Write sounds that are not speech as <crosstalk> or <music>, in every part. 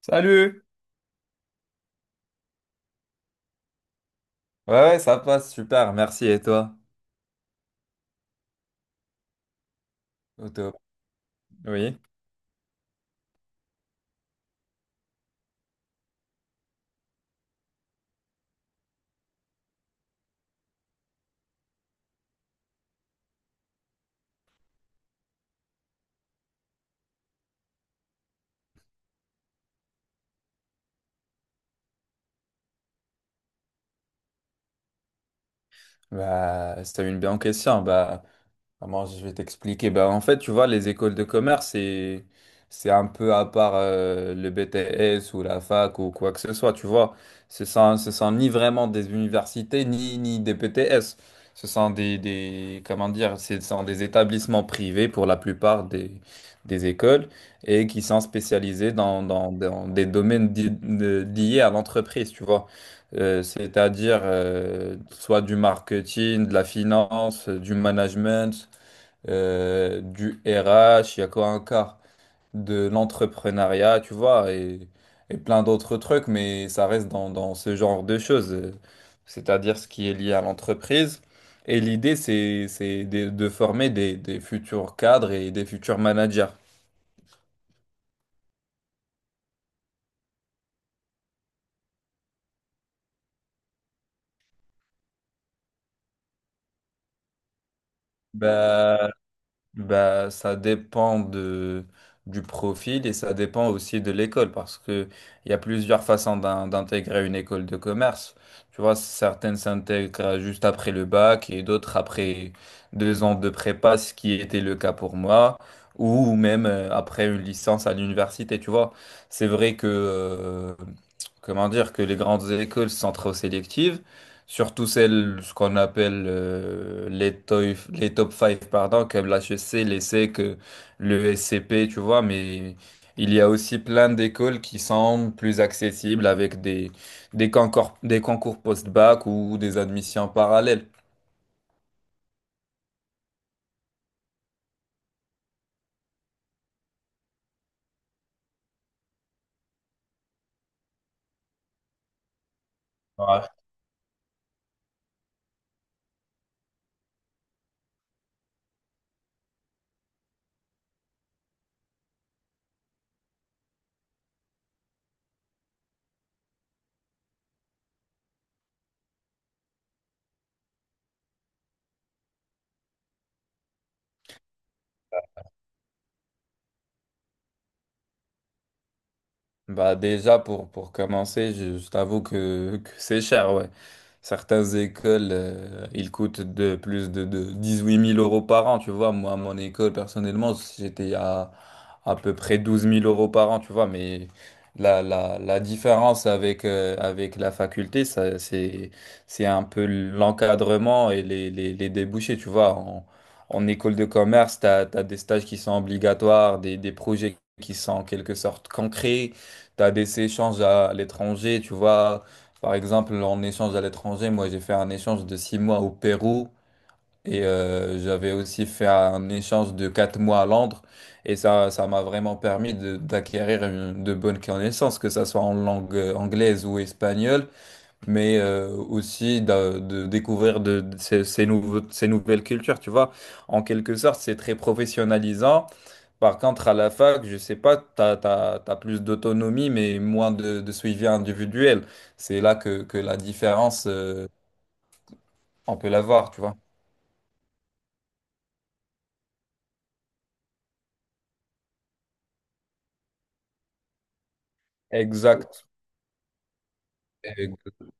Salut! Ouais, ouais, ça passe, super, merci. Et toi? Au top. Oui, bah, c'était une bien question. Bah, comment je vais t'expliquer? Ben, en fait, tu vois, les écoles de commerce, c'est un peu à part, le BTS ou la fac ou quoi que ce soit, tu vois. Ce sont ni vraiment des universités, ni des BTS. Ce sont comment dire, ce sont des établissements privés pour la plupart des écoles et qui sont spécialisés dans des domaines liés à l'entreprise, tu vois. C'est-à-dire, soit du marketing, de la finance, du management, du RH, il y a quoi encore? De l'entrepreneuriat, tu vois, et plein d'autres trucs, mais ça reste dans ce genre de choses, c'est-à-dire ce qui est lié à l'entreprise. Et l'idée, c'est de former des futurs cadres et des futurs managers. Bah, Ça dépend du profil et ça dépend aussi de l'école parce que il y a plusieurs façons d'intégrer une école de commerce. Tu vois, certaines s'intègrent juste après le bac et d'autres après 2 ans de prépa, ce qui était le cas pour moi, ou même après une licence à l'université. Tu vois, c'est vrai que, comment dire, que les grandes écoles sont trop sélectives. Surtout celles, ce qu'on appelle, les top 5, pardon, comme l'HEC, l'ESSEC, le SCP, tu vois, mais il y a aussi plein d'écoles qui sont plus accessibles avec des concours post-bac ou des admissions parallèles. Ouais. Bah déjà pour commencer, je t'avoue que c'est cher, ouais. Certaines écoles, ils coûtent de plus de 8 000 € par an, tu vois. Moi, à mon école, personnellement, j'étais à peu près 12 000 € par an, tu vois. Mais la différence avec, avec la faculté, ça, c'est un peu l'encadrement et les débouchés, tu vois. En école de commerce, tu as des stages qui sont obligatoires, des projets qui sont en quelque sorte concrets. T'as des échanges à l'étranger, tu vois. Par exemple, en échange à l'étranger, moi j'ai fait un échange de 6 mois au Pérou et j'avais aussi fait un échange de 4 mois à Londres. Et ça m'a vraiment permis d'acquérir de bonnes connaissances, que ça soit en langue anglaise ou espagnole, mais aussi découvrir de ces nouvelles cultures, tu vois. En quelque sorte, c'est très professionnalisant. Par contre, à la fac, je sais pas, tu as plus d'autonomie, mais moins de suivi individuel. C'est là que la différence, on peut la voir, tu vois. Exact. Exact.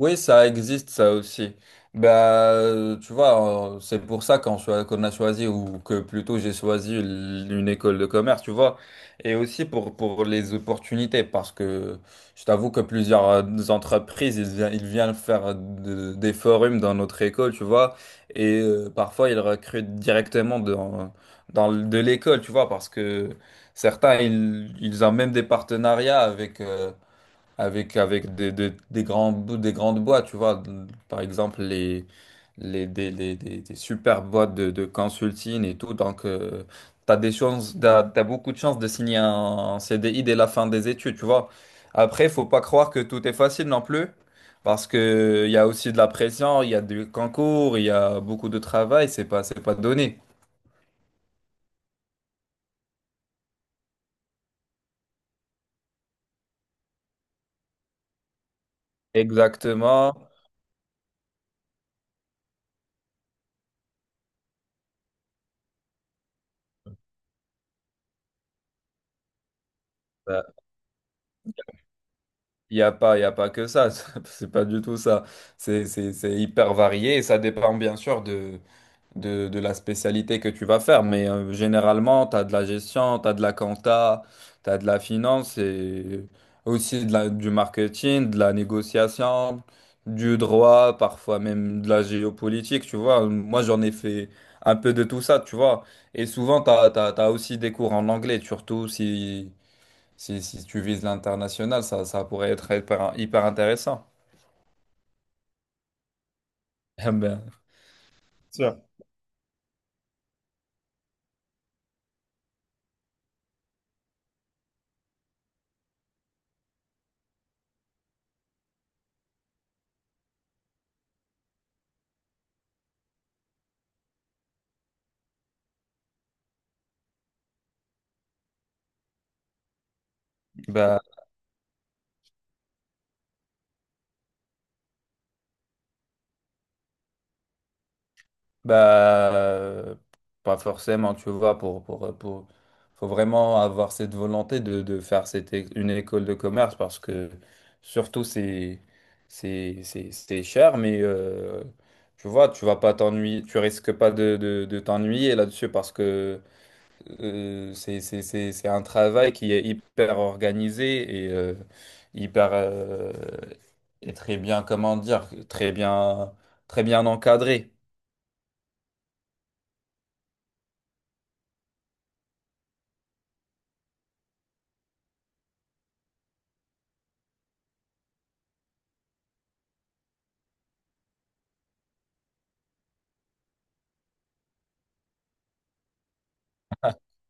Oui, ça existe, ça aussi. Bah, tu vois, c'est pour ça qu'on a choisi, ou que plutôt j'ai choisi une école de commerce, tu vois. Et aussi pour les opportunités, parce que je t'avoue que plusieurs, entreprises, ils viennent faire des forums dans notre école, tu vois. Et parfois, ils recrutent directement de l'école, tu vois, parce que certains, ils ont même des partenariats avec des grandes boîtes, tu vois. Par exemple, les des super boîtes de consulting et tout, donc t'as des chances, t'as beaucoup de chances de signer un CDI dès la fin des études, tu vois. Après, faut pas croire que tout est facile non plus, parce que il y a aussi de la pression, il y a du concours, il y a beaucoup de travail, c'est pas donné. Exactement. Il a pas que ça, <laughs> c'est pas du tout ça. C'est hyper varié et ça dépend bien sûr de la spécialité que tu vas faire. Mais généralement, tu as de la gestion, tu as de la compta, tu as de la finance et aussi du marketing, de la négociation, du droit, parfois même de la géopolitique, tu vois. Moi, j'en ai fait un peu de tout ça, tu vois. Et souvent, tu as, t'as, t'as t'as aussi des cours en anglais, surtout si… Si tu vises l'international, ça pourrait être hyper, hyper intéressant. <laughs> Ah, ben, bah, bah, euh, pas forcément, tu vois, pour, faut vraiment avoir cette volonté de faire une école de commerce, parce que surtout c'est cher, mais tu vois, tu vas pas t'ennuyer, tu risques pas de t'ennuyer là-dessus, parce que c'est c'est un travail qui est hyper organisé et, hyper, et très bien, comment dire, très bien encadré.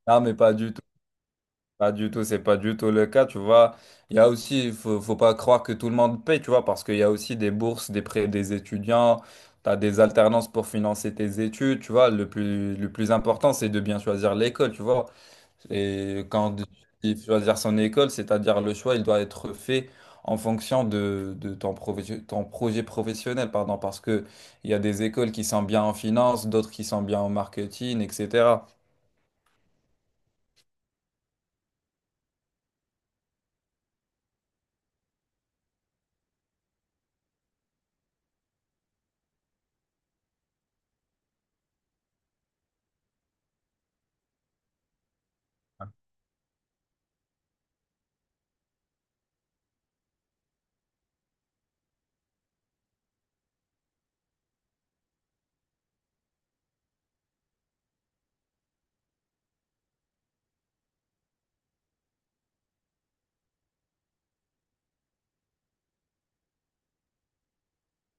Ah, mais pas du tout, pas du tout, c'est pas du tout le cas, tu vois. Il y a aussi, il faut, Faut pas croire que tout le monde paye, tu vois, parce qu'il y a aussi des bourses, des prêts des étudiants, tu as des alternances pour financer tes études, tu vois. Le plus important, c'est de bien choisir l'école, tu vois. Et quand il choisir son école, c'est-à-dire le choix, il doit être fait en fonction de ton projet professionnel, pardon, parce que il y a des écoles qui sont bien en finance, d'autres qui sont bien en marketing, etc.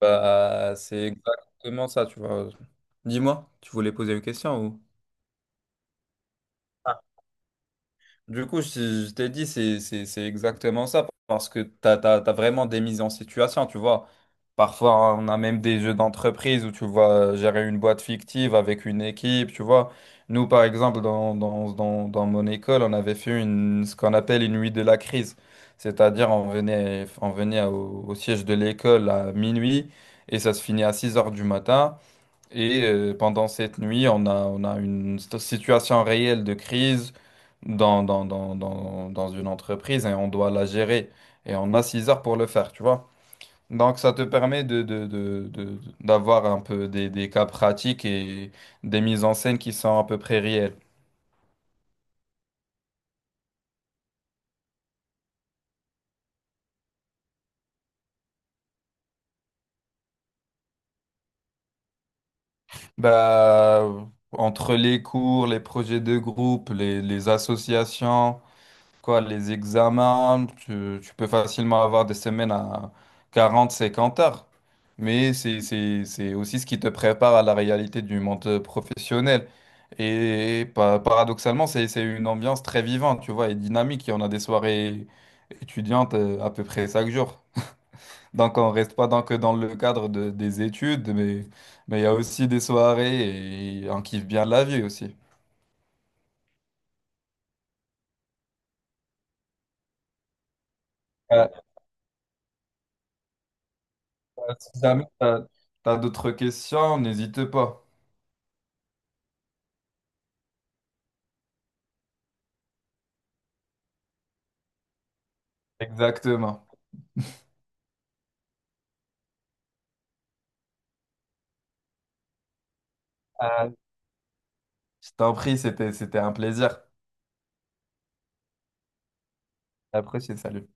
Bah, c'est exactement ça, tu vois. Dis-moi, tu voulais poser une question ou? Du coup, je t'ai dit, c'est exactement ça, parce que t'as vraiment des mises en situation, tu vois. Parfois, on a même des jeux d'entreprise où tu vois gérer une boîte fictive avec une équipe, tu vois. Nous, par exemple, dans mon école, on avait fait ce qu'on appelle une nuit de la crise. C'est-à-dire, on venait au siège de l'école à minuit et ça se finit à 6 heures du matin. Et pendant cette nuit, on a une situation réelle de crise dans une entreprise et on doit la gérer. Et on a 6 heures pour le faire, tu vois. Donc ça te permet d'avoir un peu des cas pratiques et des mises en scène qui sont à peu près réelles. Bah, entre les cours, les projets de groupe, les associations, quoi, les examens, tu peux facilement avoir des semaines à 40-50 heures. Mais c'est aussi ce qui te prépare à la réalité du monde professionnel. Et paradoxalement, c'est une ambiance très vivante, tu vois, et dynamique. Et on a des soirées étudiantes, à peu près chaque jour. Donc on reste pas que dans le cadre des études, mais il y a aussi des soirées et on kiffe bien la vie aussi. Euh, Si jamais tu as d'autres questions, n'hésite pas. Exactement. Euh, Je t'en prie, c'était un plaisir. Après, c'est salut.